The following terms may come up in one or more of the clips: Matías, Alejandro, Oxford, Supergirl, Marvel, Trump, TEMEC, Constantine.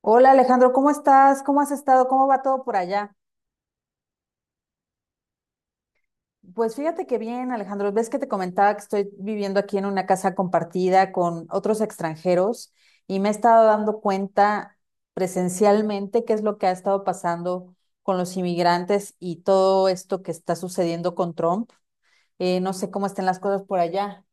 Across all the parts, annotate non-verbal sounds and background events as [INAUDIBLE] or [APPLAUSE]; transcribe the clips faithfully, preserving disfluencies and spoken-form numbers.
Hola Alejandro, ¿cómo estás? ¿Cómo has estado? ¿Cómo va todo por allá? Pues fíjate que bien, Alejandro, ves que te comentaba que estoy viviendo aquí en una casa compartida con otros extranjeros y me he estado dando cuenta presencialmente qué es lo que ha estado pasando con los inmigrantes y todo esto que está sucediendo con Trump. Eh, no sé cómo estén las cosas por allá.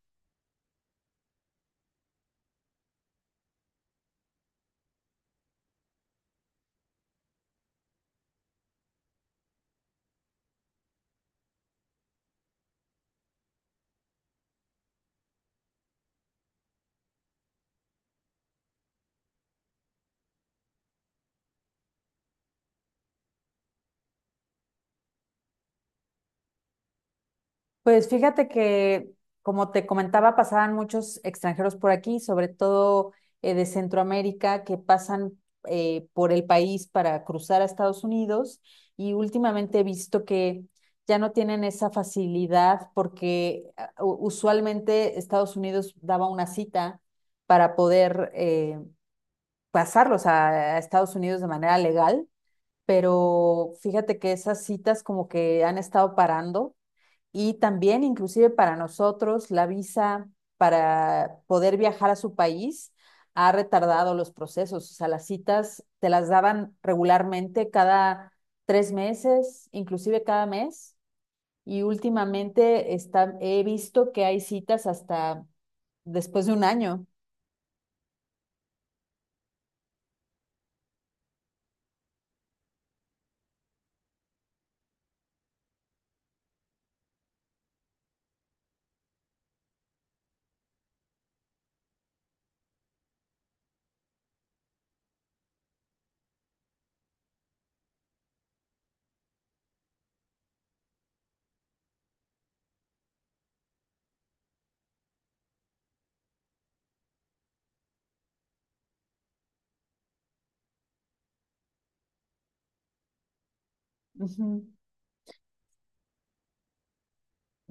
Pues fíjate que, como te comentaba, pasaban muchos extranjeros por aquí, sobre todo eh, de Centroamérica, que pasan eh, por el país para cruzar a Estados Unidos. Y últimamente he visto que ya no tienen esa facilidad porque ah, u- usualmente Estados Unidos daba una cita para poder eh, pasarlos a, a Estados Unidos de manera legal. Pero fíjate que esas citas como que han estado parando y también, inclusive para nosotros, la visa para poder viajar a su país ha retardado los procesos. O sea, las citas te las daban regularmente cada tres meses, inclusive cada mes. Y últimamente está, he visto que hay citas hasta después de un año. Ujú.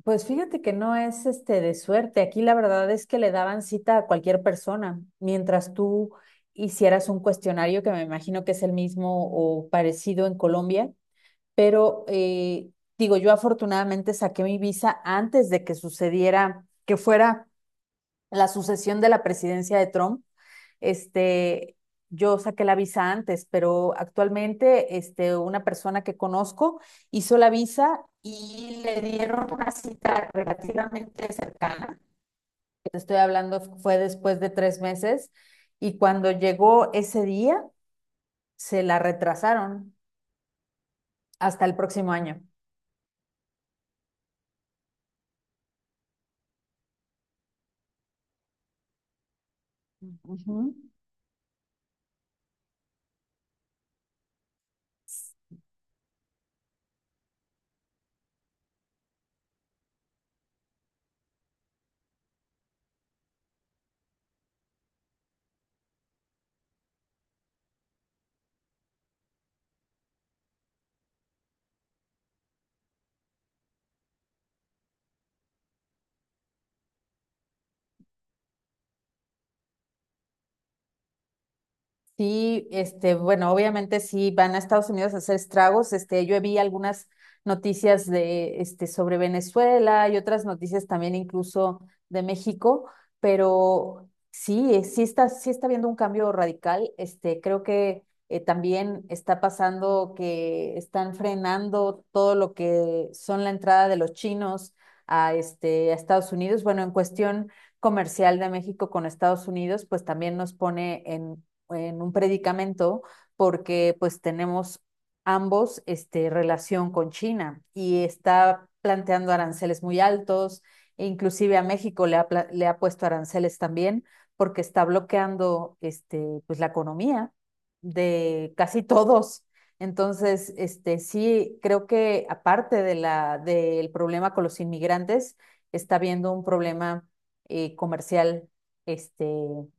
Pues fíjate que no es este de suerte. Aquí la verdad es que le daban cita a cualquier persona, mientras tú hicieras un cuestionario que me imagino que es el mismo o parecido en Colombia, pero eh, digo, yo afortunadamente saqué mi visa antes de que sucediera, que fuera la sucesión de la presidencia de Trump. Este, yo saqué la visa antes, pero actualmente este, una persona que conozco hizo la visa y le dieron una cita relativamente cercana. Te estoy hablando, fue después de tres meses y cuando llegó ese día, se la retrasaron hasta el próximo año. Uh -huh. Sí, este, bueno, obviamente sí van a Estados Unidos a hacer estragos. Este, yo vi algunas noticias de, este, sobre Venezuela y otras noticias también incluso de México, pero sí, eh, sí está, sí está habiendo un cambio radical. Este, creo que eh, también está pasando que están frenando todo lo que son la entrada de los chinos a, este, a Estados Unidos. Bueno, en cuestión comercial de México con Estados Unidos, pues también nos pone en en un predicamento porque pues tenemos ambos este, relación con China y está planteando aranceles muy altos, e inclusive a México le ha, le ha puesto aranceles también porque está bloqueando este, pues, la economía de casi todos. Entonces, este, sí, creo que aparte de la, del problema con los inmigrantes, está habiendo un problema eh, comercial este,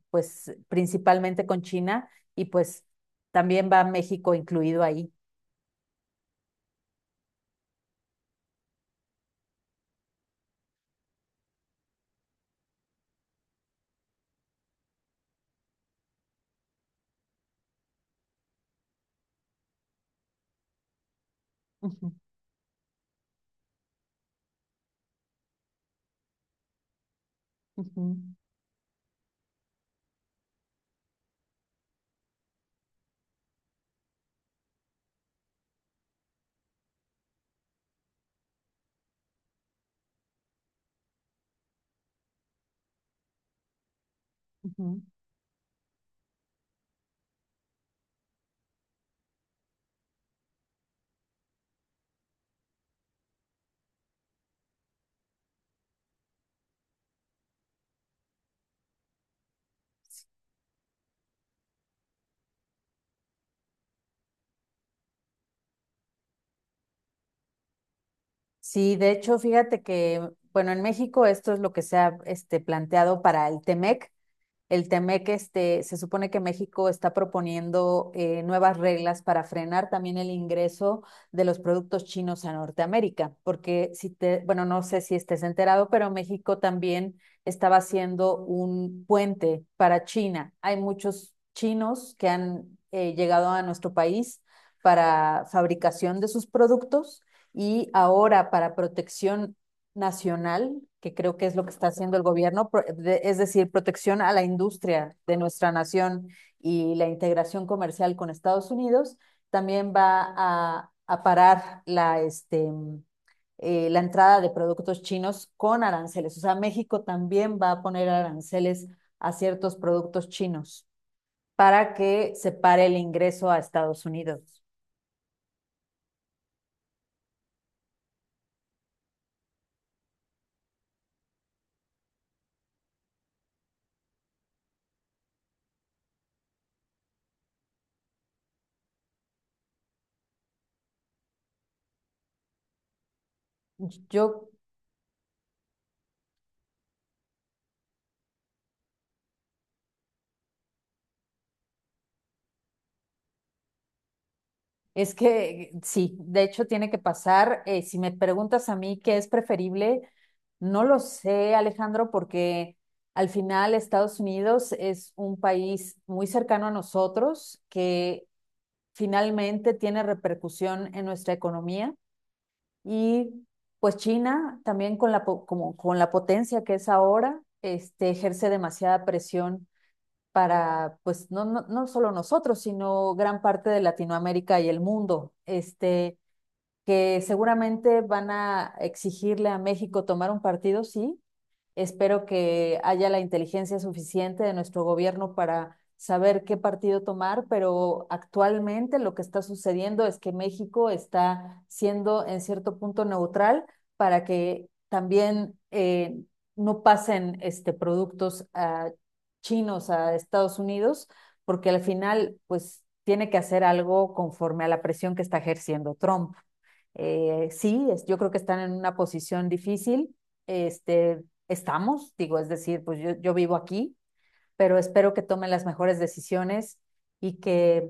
pues principalmente con China y pues también va México incluido ahí. Ujú, ujú, ujú. Sí, de hecho, fíjate que, bueno, en México esto es lo que se ha este, planteado para el Temec. El TEMEC, este, se supone que México está proponiendo eh, nuevas reglas para frenar también el ingreso de los productos chinos a Norteamérica, porque si te, bueno, no sé si estés enterado, pero México también estaba haciendo un puente para China. Hay muchos chinos que han eh, llegado a nuestro país para fabricación de sus productos y ahora para protección nacional, que creo que es lo que está haciendo el gobierno, es decir, protección a la industria de nuestra nación y la integración comercial con Estados Unidos, también va a, a parar la, este, eh, la entrada de productos chinos con aranceles. O sea, México también va a poner aranceles a ciertos productos chinos para que se pare el ingreso a Estados Unidos. Yo... Es que eh, sí, de hecho tiene que pasar. Eh, si me preguntas a mí qué es preferible, no lo sé, Alejandro, porque al final Estados Unidos es un país muy cercano a nosotros que finalmente tiene repercusión en nuestra economía y pues China también con la, po- como, con la potencia que es ahora, este, ejerce demasiada presión para, pues, no, no, no solo nosotros, sino gran parte de Latinoamérica y el mundo. Este, que seguramente van a exigirle a México tomar un partido, sí. Espero que haya la inteligencia suficiente de nuestro gobierno para saber qué partido tomar, pero actualmente lo que está sucediendo es que México está siendo en cierto punto neutral para que también eh, no pasen este, productos a chinos a Estados Unidos, porque al final pues tiene que hacer algo conforme a la presión que está ejerciendo Trump. Eh, sí, es- yo creo que están en una posición difícil este, estamos, digo, es decir, pues yo, yo vivo aquí, pero espero que tomen las mejores decisiones y que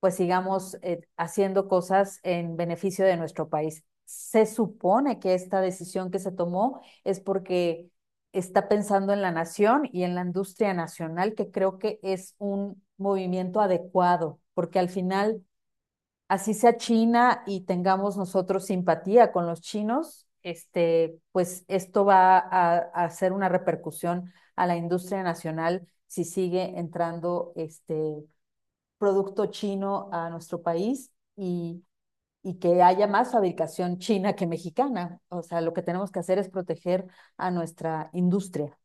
pues sigamos eh, haciendo cosas en beneficio de nuestro país. Se supone que esta decisión que se tomó es porque está pensando en la nación y en la industria nacional, que creo que es un movimiento adecuado, porque al final así sea China y tengamos nosotros simpatía con los chinos, este, pues esto va a, a hacer una repercusión a la industria nacional si sigue entrando este producto chino a nuestro país y, y que haya más fabricación china que mexicana. O sea, lo que tenemos que hacer es proteger a nuestra industria.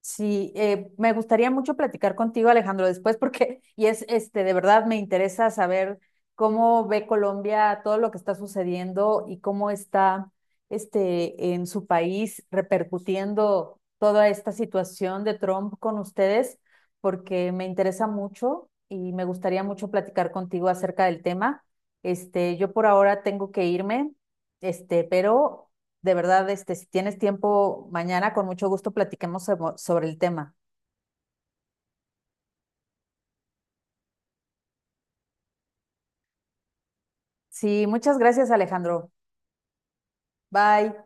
Sí, eh, me gustaría mucho platicar contigo, Alejandro, después porque [LAUGHS] y es este de verdad me interesa saber cómo ve Colombia todo lo que está sucediendo y cómo está este en su país repercutiendo toda esta situación de Trump con ustedes, porque me interesa mucho y me gustaría mucho platicar contigo acerca del tema. Este, yo por ahora tengo que irme, este, pero de verdad, este, si tienes tiempo mañana, con mucho gusto platiquemos sobre el tema. Sí, muchas gracias, Alejandro. Bye.